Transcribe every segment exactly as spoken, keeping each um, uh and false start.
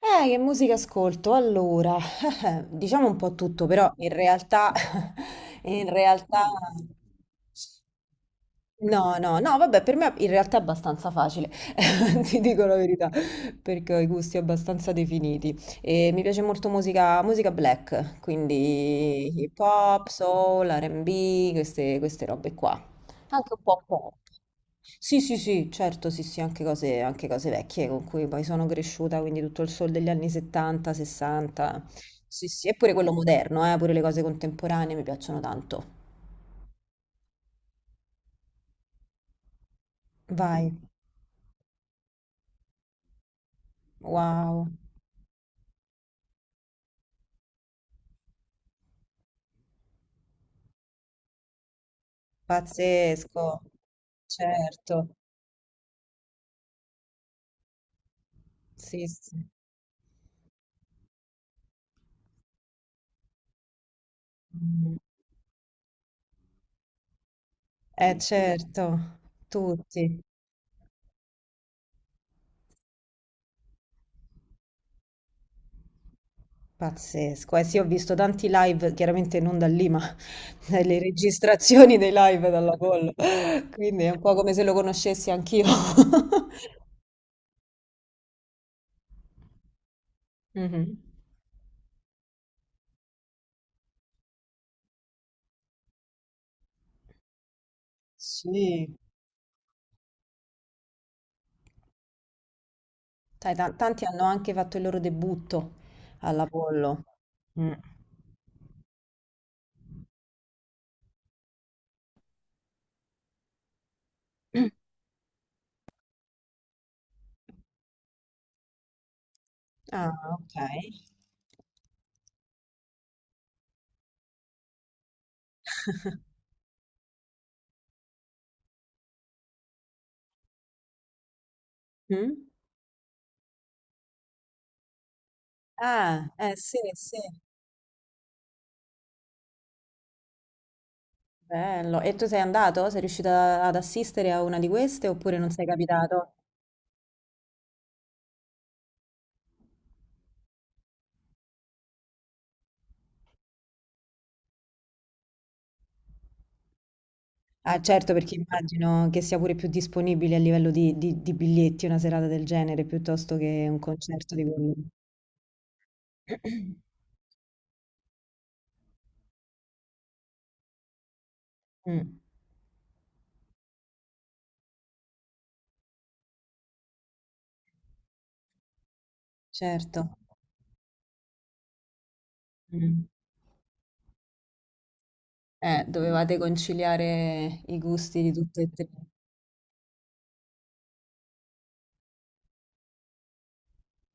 Eh, che musica ascolto? Allora, diciamo un po' tutto, però in realtà, in realtà, no, no, no, vabbè, per me in realtà è abbastanza facile, ti dico la verità, perché ho i gusti abbastanza definiti. E mi piace molto musica, musica black, quindi hip hop, soul, R and B, queste, queste robe qua. Anche un po' pop. Sì, sì, sì, certo, sì, sì, anche cose, anche cose vecchie con cui poi sono cresciuta, quindi tutto il soul degli anni settanta, sessanta. Sì, sì, e pure quello moderno, eh, pure le cose contemporanee mi piacciono tanto. Vai, wow, pazzesco, certo, sì, sì. Mm. Eh, certo, tutti. Pazzesco, eh sì, ho visto tanti live, chiaramente non da lì, ma le registrazioni dei live dalla Apollo, quindi è un po' come se lo conoscessi anch'io. Mhm. Sì, dai, ta- tanti hanno anche fatto il loro debutto all'Apollo. Mm. Ah, ok. Mm? Ah, eh sì, sì, bello. E tu sei andato? Sei riuscito a- ad assistere a una di queste oppure non sei capitato? Ah, certo, perché immagino che sia pure più disponibile a livello di, di- di biglietti una serata del genere piuttosto che un concerto di quello. Mm, certo. Mm. Eh, dovevate conciliare i gusti di tutte e tre.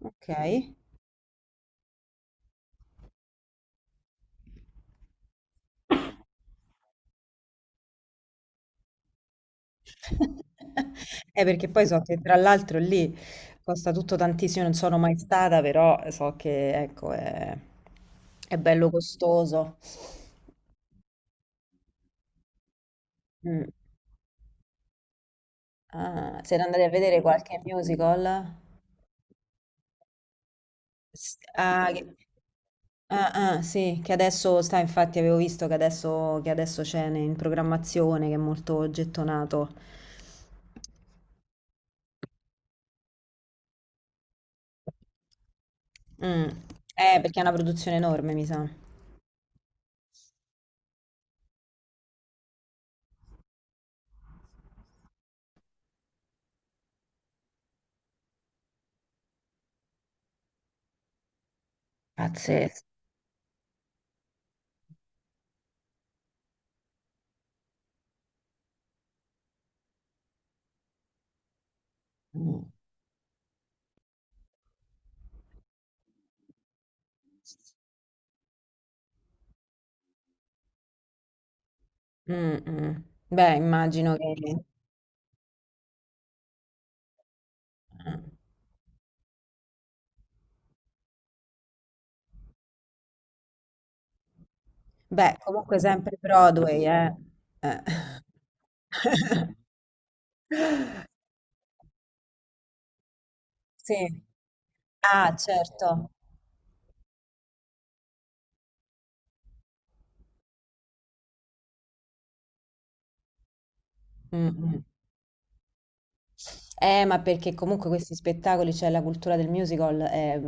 Ok. Eh, perché poi so che tra l'altro lì costa tutto tantissimo, non sono mai stata, però so che ecco, è, è bello costoso. Mm. Ah, siete andati a vedere qualche musical? S- ah, che- ah, ah, sì, che adesso sta, infatti avevo visto che adesso, che adesso c'è ne- in programmazione, che è molto gettonato. Mm. Eh, perché è una produzione enorme, mi sa. Pazzesco. Mm. Mm, mm. Beh, immagino che... eh. Beh, comunque sempre Broadway, eh. Eh. Sì. Ah, certo. Mm, mm. Eh, ma perché comunque questi spettacoli, cioè la cultura del musical è,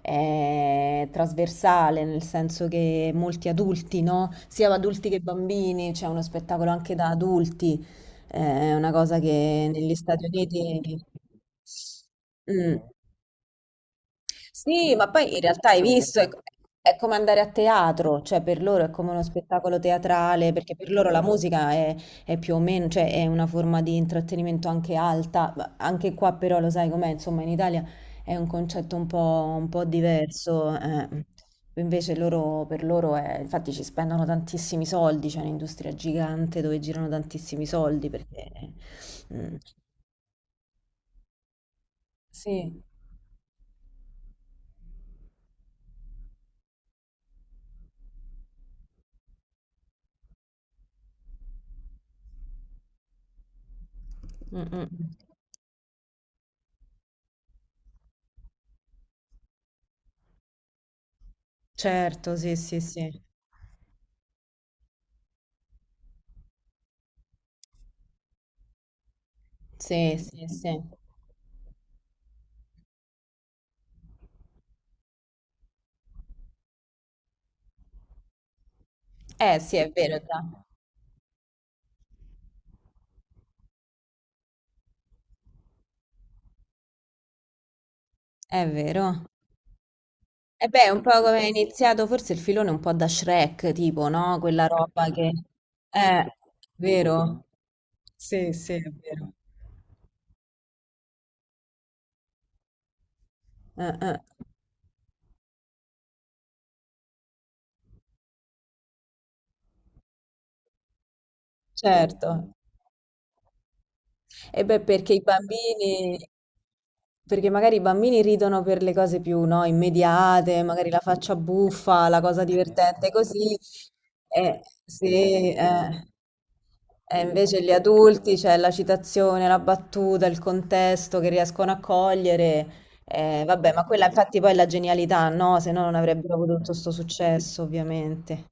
è trasversale, nel senso che molti adulti, no? Sia adulti che bambini, c'è uno spettacolo anche da adulti, eh, è una cosa che negli Stati Uniti... Mm. Sì, ma poi in realtà hai visto, è, è come andare a teatro, cioè per loro è come uno spettacolo teatrale, perché per loro la musica è, è più o meno, cioè è una forma di intrattenimento anche alta, ma anche qua però lo sai com'è, insomma in Italia è un concetto un po', un po' diverso, eh. Invece loro, per loro è, infatti ci spendono tantissimi soldi, c'è un'industria gigante dove girano tantissimi soldi, perché... mm, sì, mm, mm, mm. Certo, sì, sì, sì. Sì, sì, sì. Eh sì, è vero, già. È vero. E beh, è un po' come è iniziato forse il filone un po' da Shrek, tipo, no? Quella roba che... eh, vero? Sì, sì, è vero. Eh, eh, Certo. E beh, perché i bambini, perché magari i bambini ridono per le cose più, no, immediate, magari la faccia buffa, la cosa divertente così, e sì, eh. E invece gli adulti c'è la citazione, la battuta, il contesto che riescono a cogliere. Eh, vabbè, ma quella infatti poi è la genialità, no? Se no non avrebbero avuto tutto questo successo, ovviamente.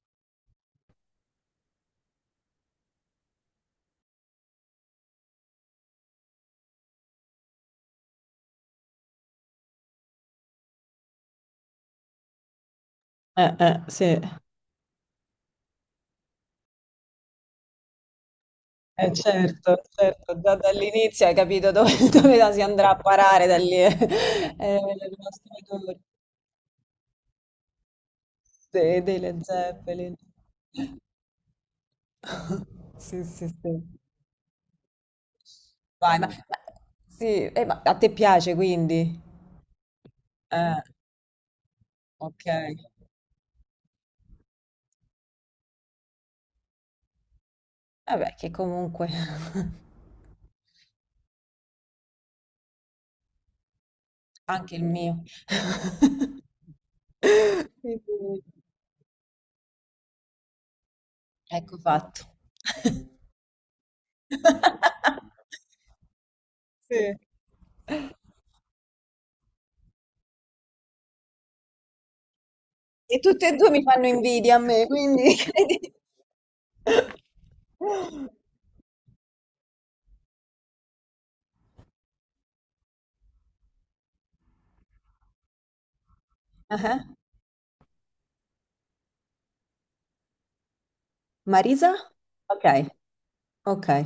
Eh, eh, sì. Eh, certo, certo, già dall'inizio hai capito dove, dove la si andrà a parare da lì, eh, eh, il nostro tour de- dei Led Zeppelin. Sì, sì, sì. Vai, ma, ma- sì, eh, ma a te piace quindi? Eh, ok. Vabbè, che comunque anche il mio. Quindi, ecco fatto. Sì. E tutte e due mi fanno invidia a me, quindi credi. Ah-ah. Marisa? Okay, okay.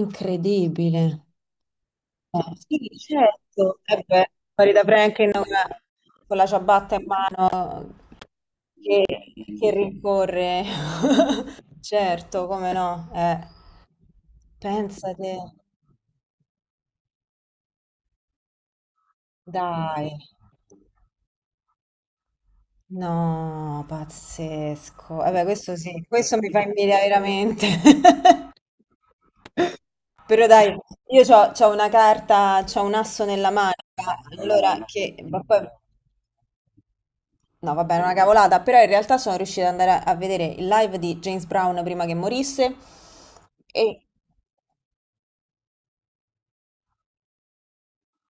Incredibile. Eh, sì, certo. Eh beh, Farida Franklin con la con la ciabatta in mano che che rincorre. Certo, come no, eh. Pensa te, dai. No, pazzesco. Vabbè, questo sì, questo mi fa invidia veramente. Però dai, io c'ho, c'ho una carta, c'ho un asso nella manica, allora che... ma poi- no, vabbè, è una cavolata, però in realtà sono riuscita ad andare a, a vedere il live di James Brown prima che morisse e...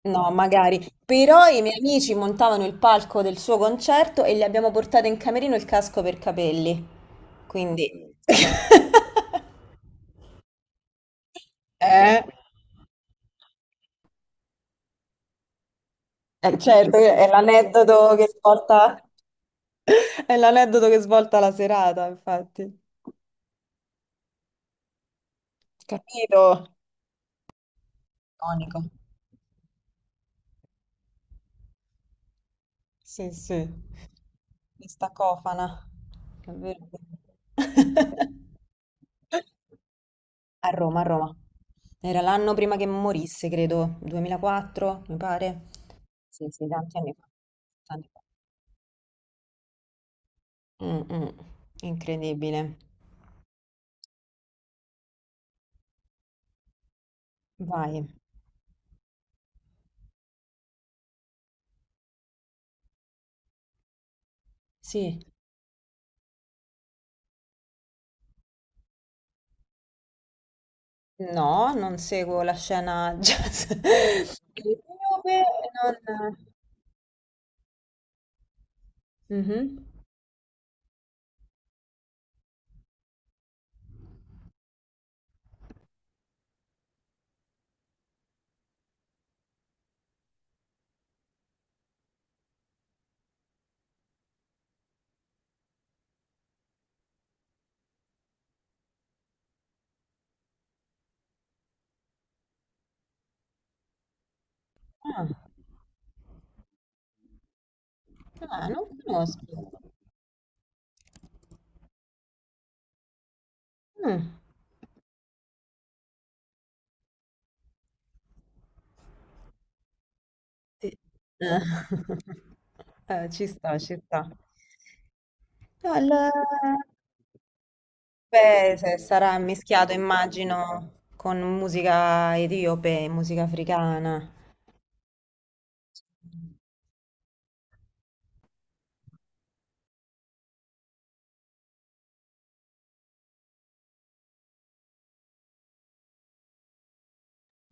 no, magari. Però i miei amici montavano il palco del suo concerto e gli abbiamo portato in camerino il casco per capelli. Quindi... eh? Eh, certo, è l'aneddoto che svolta, è l'aneddoto che svolta la serata, infatti. Capito? Iconico. Sì, sì. Questa cofana. È vero. A Roma, a Roma. Era l'anno prima che morisse, credo, duemilaquattro, mi pare. Sì, sì, tanti anni fa. Tanti anni fa. Mm, mm. Incredibile. Vai. Sì. No, non seguo la scena jazz etiope, non... Mhm. Ah, ah, non conosco. Mm. Sì. Eh, eh, ci sta, ci sta. No, il- beh, se sarà mischiato, immagino, con musica etiope e musica africana.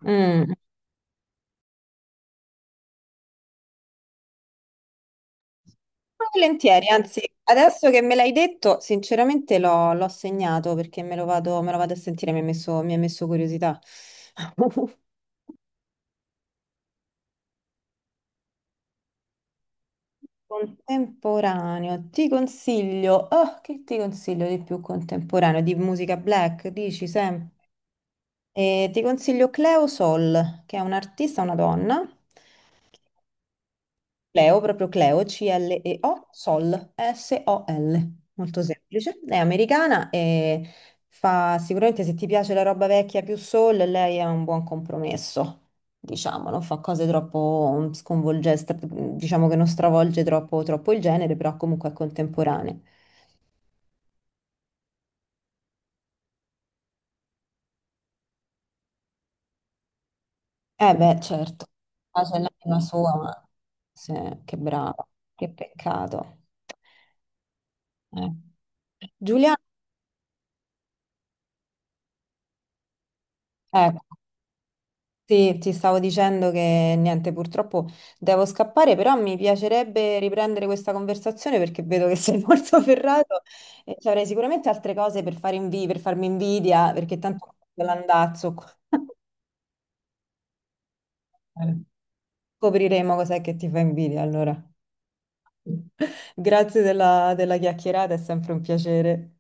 Mm, volentieri, anzi, adesso che me l'hai detto, sinceramente l'ho l'ho segnato perché me lo vado, me lo vado a sentire, mi ha messo, mi ha messo curiosità. Contemporaneo, ti consiglio, oh, che ti consiglio di più contemporaneo? Di musica black, dici Sam? Eh, ti consiglio Cleo Sol, che è un'artista, una donna, Cleo, proprio Cleo, C-L-E-O, Sol, S-O-L, S O L, molto semplice. È americana e fa sicuramente se ti piace la roba vecchia più soul, lei è un buon compromesso, diciamo, non fa cose troppo sconvolgenti, diciamo che non stravolge troppo, troppo il genere, però comunque è contemporanea. Eh beh, certo, ah, c'è l'anima sua, ma sì, che brava, che peccato. Eh. Giuliana, ecco. Sì, ti stavo dicendo che niente, purtroppo devo scappare, però mi piacerebbe riprendere questa conversazione perché vedo che sei molto ferrato e ci avrei sicuramente altre cose per fare invi- per farmi invidia, perché tanto l'andazzo qua. Scopriremo cos'è che ti fa invidia allora. Grazie della della chiacchierata, è sempre un piacere.